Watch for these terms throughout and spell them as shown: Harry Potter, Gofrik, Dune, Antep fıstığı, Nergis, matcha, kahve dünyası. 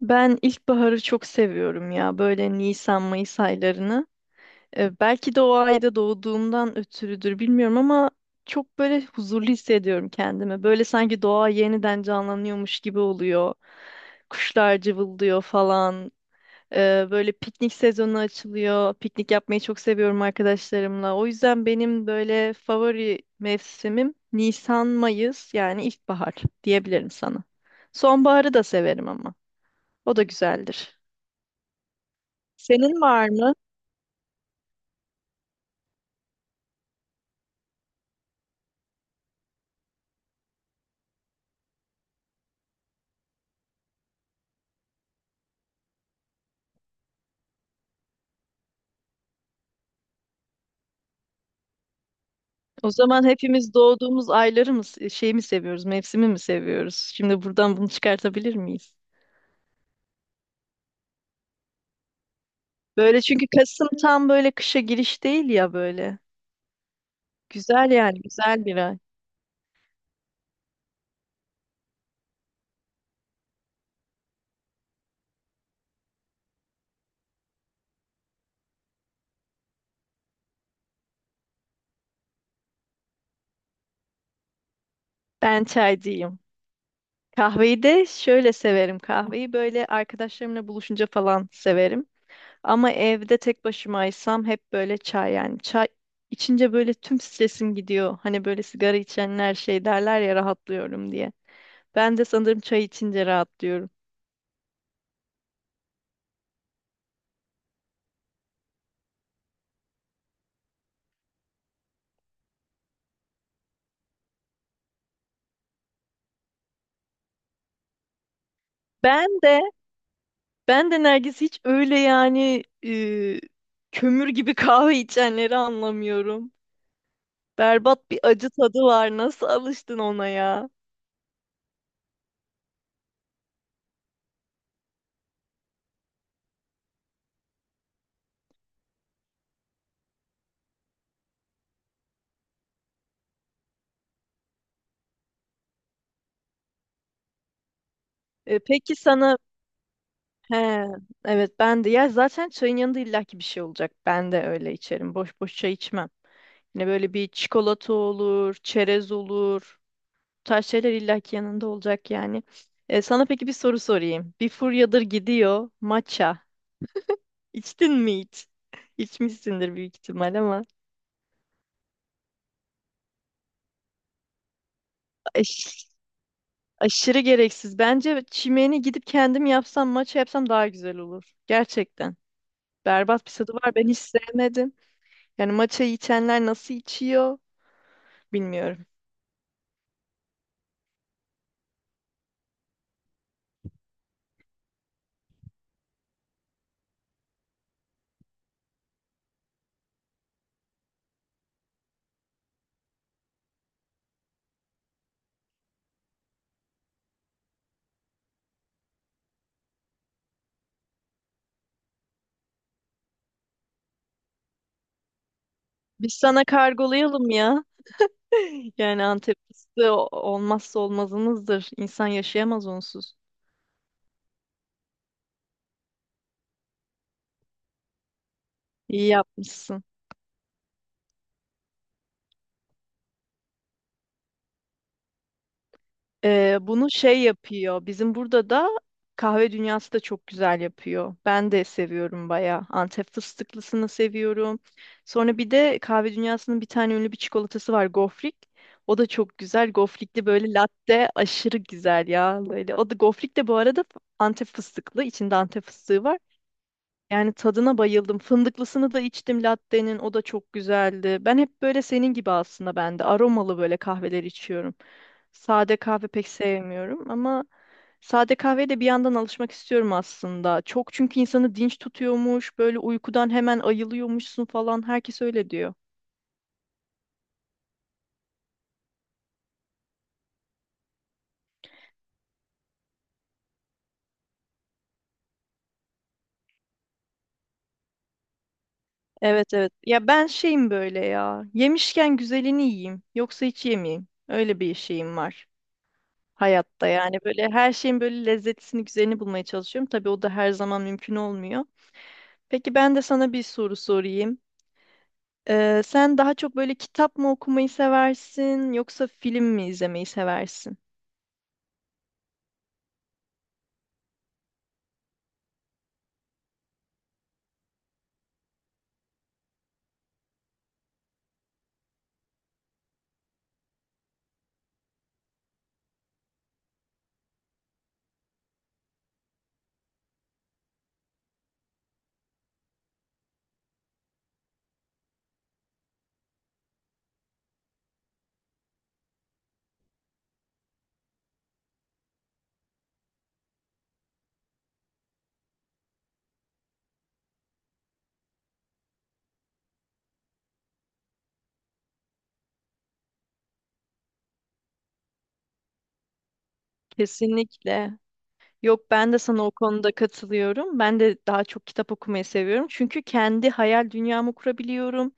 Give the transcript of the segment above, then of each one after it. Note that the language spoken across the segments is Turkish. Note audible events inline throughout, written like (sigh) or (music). Ben ilkbaharı çok seviyorum ya. Böyle Nisan, Mayıs aylarını. Belki de o ayda doğduğumdan ötürüdür bilmiyorum ama çok böyle huzurlu hissediyorum kendimi. Böyle sanki doğa yeniden canlanıyormuş gibi oluyor. Kuşlar cıvıldıyor falan. Böyle piknik sezonu açılıyor. Piknik yapmayı çok seviyorum arkadaşlarımla. O yüzden benim böyle favori mevsimim Nisan, Mayıs yani ilkbahar diyebilirim sana. Sonbaharı da severim ama. O da güzeldir. Senin var mı? O zaman hepimiz doğduğumuz ayları mı, şey mi seviyoruz, mevsimi mi seviyoruz? Şimdi buradan bunu çıkartabilir miyiz? Böyle çünkü Kasım tam böyle kışa giriş değil ya böyle. Güzel yani, güzel bir ay. Ben çaycıyım. Kahveyi de şöyle severim. Kahveyi böyle arkadaşlarımla buluşunca falan severim. Ama evde tek başımaysam hep böyle çay yani. Çay içince böyle tüm stresim gidiyor. Hani böyle sigara içenler şey derler ya rahatlıyorum diye. Ben de sanırım çay içince rahatlıyorum. Ben de ben de Nergis hiç öyle yani kömür gibi (laughs) kahve içenleri anlamıyorum. Berbat bir acı tadı var. Nasıl alıştın ona ya? E, peki sana he evet ben de ya zaten çayın yanında illaki bir şey olacak. Ben de öyle içerim. Boş boş çay içmem. Yine böyle bir çikolata olur, çerez olur. Bu tarz şeyler illaki yanında olacak yani. E, sana peki bir soru sorayım. Bir furyadır gidiyor matcha. İçtin mi hiç? İçmişsindir büyük ihtimal ama aş- aşırı gereksiz. Bence çimeni gidip kendim yapsam, maça yapsam daha güzel olur. Gerçekten. Berbat bir tadı var. Ben hiç sevmedim. Yani maçayı içenler nasıl içiyor bilmiyorum. Biz sana kargolayalım ya. (laughs) Yani Antep fıstığı olmazsa olmazımızdır. İnsan yaşayamaz onsuz. İyi yapmışsın. Bunu şey yapıyor. Bizim burada da kahve dünyası da çok güzel yapıyor. Ben de seviyorum bayağı. Antep fıstıklısını seviyorum. Sonra bir de kahve dünyasının bir tane ünlü bir çikolatası var. Gofrik. O da çok güzel. Gofrikli böyle latte aşırı güzel ya. Böyle. O da gofrik de bu arada Antep fıstıklı. İçinde Antep fıstığı var. Yani tadına bayıldım. Fındıklısını da içtim latte'nin. O da çok güzeldi. Ben hep böyle senin gibi aslında ben de aromalı böyle kahveler içiyorum. Sade kahve pek sevmiyorum ama sade kahveye de bir yandan alışmak istiyorum aslında. Çok çünkü insanı dinç tutuyormuş, böyle uykudan hemen ayılıyormuşsun falan. Herkes öyle diyor. Evet, evet. Ya ben şeyim böyle ya. Yemişken güzelini yiyeyim. Yoksa hiç yemeyeyim. Öyle bir şeyim var hayatta yani. Böyle her şeyin böyle lezzetini, güzelini bulmaya çalışıyorum. Tabii o da her zaman mümkün olmuyor. Peki ben de sana bir soru sorayım. Sen daha çok böyle kitap mı okumayı seversin yoksa film mi izlemeyi seversin? Kesinlikle. Yok ben de sana o konuda katılıyorum. Ben de daha çok kitap okumayı seviyorum. Çünkü kendi hayal dünyamı kurabiliyorum.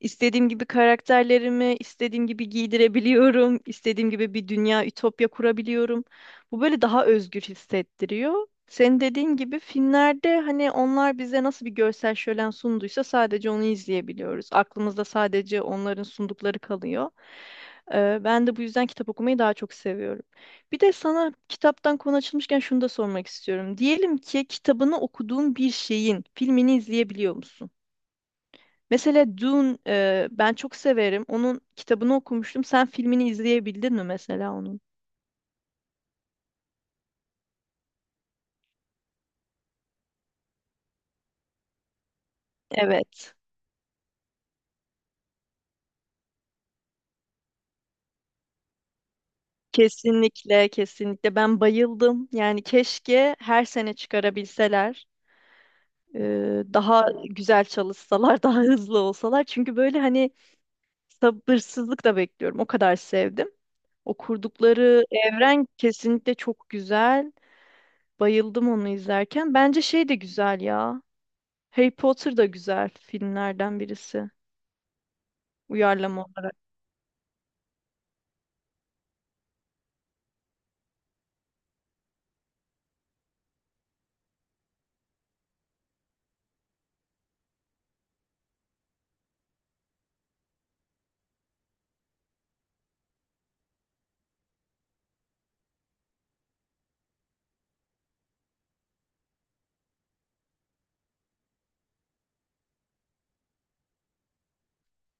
İstediğim gibi karakterlerimi istediğim gibi giydirebiliyorum. İstediğim gibi bir dünya, ütopya kurabiliyorum. Bu böyle daha özgür hissettiriyor. Senin dediğin gibi filmlerde hani onlar bize nasıl bir görsel şölen sunduysa sadece onu izleyebiliyoruz. Aklımızda sadece onların sundukları kalıyor. Ben de bu yüzden kitap okumayı daha çok seviyorum. Bir de sana kitaptan konu açılmışken şunu da sormak istiyorum. Diyelim ki kitabını okuduğun bir şeyin filmini izleyebiliyor musun? Mesela Dune ben çok severim. Onun kitabını okumuştum. Sen filmini izleyebildin mi mesela onun? Evet. Kesinlikle, kesinlikle. Ben bayıldım. Yani keşke her sene çıkarabilseler. e, daha güzel çalışsalar, (laughs) daha hızlı olsalar. Çünkü böyle hani sabırsızlıkla bekliyorum. O kadar sevdim. O kurdukları evren kesinlikle çok güzel. Bayıldım onu izlerken. Bence şey de güzel ya. Harry Potter da güzel filmlerden birisi. Uyarlama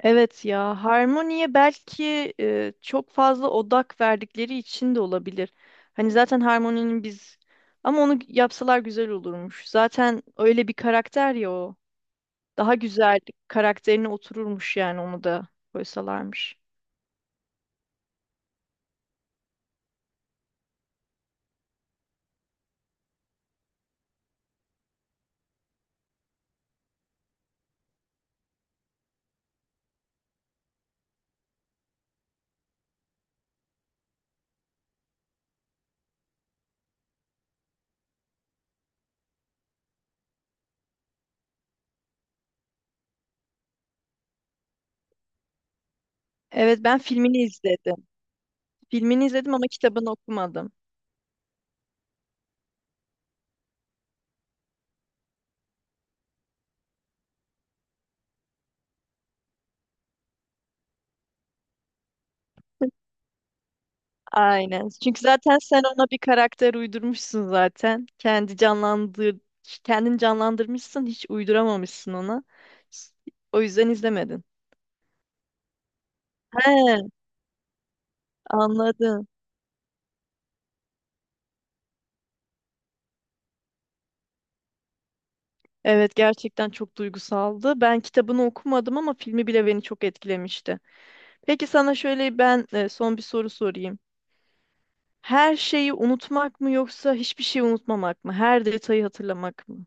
evet ya, harmoniye belki çok fazla odak verdikleri için de olabilir. Hani zaten harmoninin biz ama onu yapsalar güzel olurmuş. Zaten öyle bir karakter ya o. Daha güzel karakterine otururmuş yani onu da koysalarmış. Evet, ben filmini izledim. Filmini izledim ama kitabını okumadım. Aynen. Çünkü zaten sen ona bir karakter uydurmuşsun zaten. Kendin canlandırmışsın, hiç uyduramamışsın ona. S- O yüzden izlemedin. He, anladım. Evet, gerçekten çok duygusaldı. Ben kitabını okumadım ama filmi bile beni çok etkilemişti. Peki sana şöyle ben son bir soru sorayım. Her şeyi unutmak mı yoksa hiçbir şeyi unutmamak mı? Her detayı hatırlamak mı?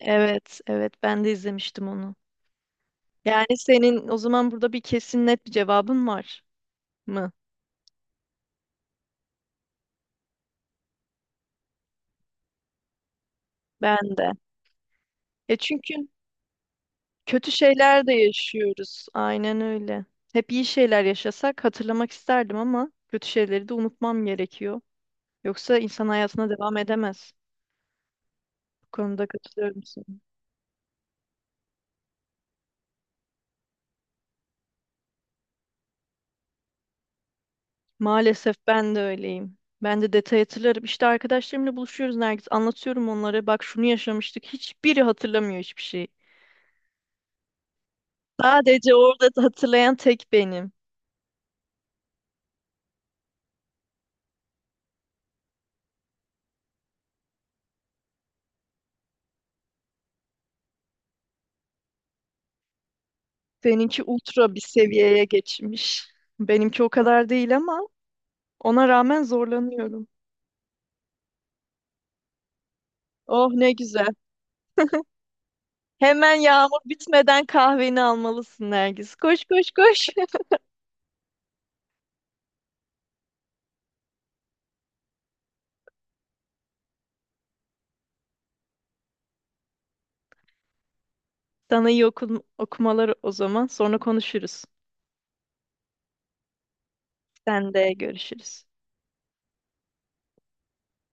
Evet, evet, ben de izlemiştim onu. Yani senin o zaman burada bir kesin net bir cevabın var mı? Ben de. E çünkü kötü şeyler de yaşıyoruz. Aynen öyle. Hep iyi şeyler yaşasak hatırlamak isterdim ama kötü şeyleri de unutmam gerekiyor. Yoksa insan hayatına devam edemez. Bu konuda katılıyorum sana. Maalesef ben de öyleyim. Ben de detay hatırlarım. İşte arkadaşlarımla buluşuyoruz Nergis. Anlatıyorum onlara. Bak şunu yaşamıştık. Hiçbiri hatırlamıyor hiçbir şeyi. Sadece orada hatırlayan tek benim. Seninki ultra bir seviyeye geçmiş. Benimki o kadar değil ama ona rağmen zorlanıyorum. Oh ne güzel. Hemen yağmur bitmeden kahveni almalısın Nergis. Koş koş koş. (laughs) Sana iyi okul okumaları o zaman. Sonra konuşuruz. Sen de görüşürüz.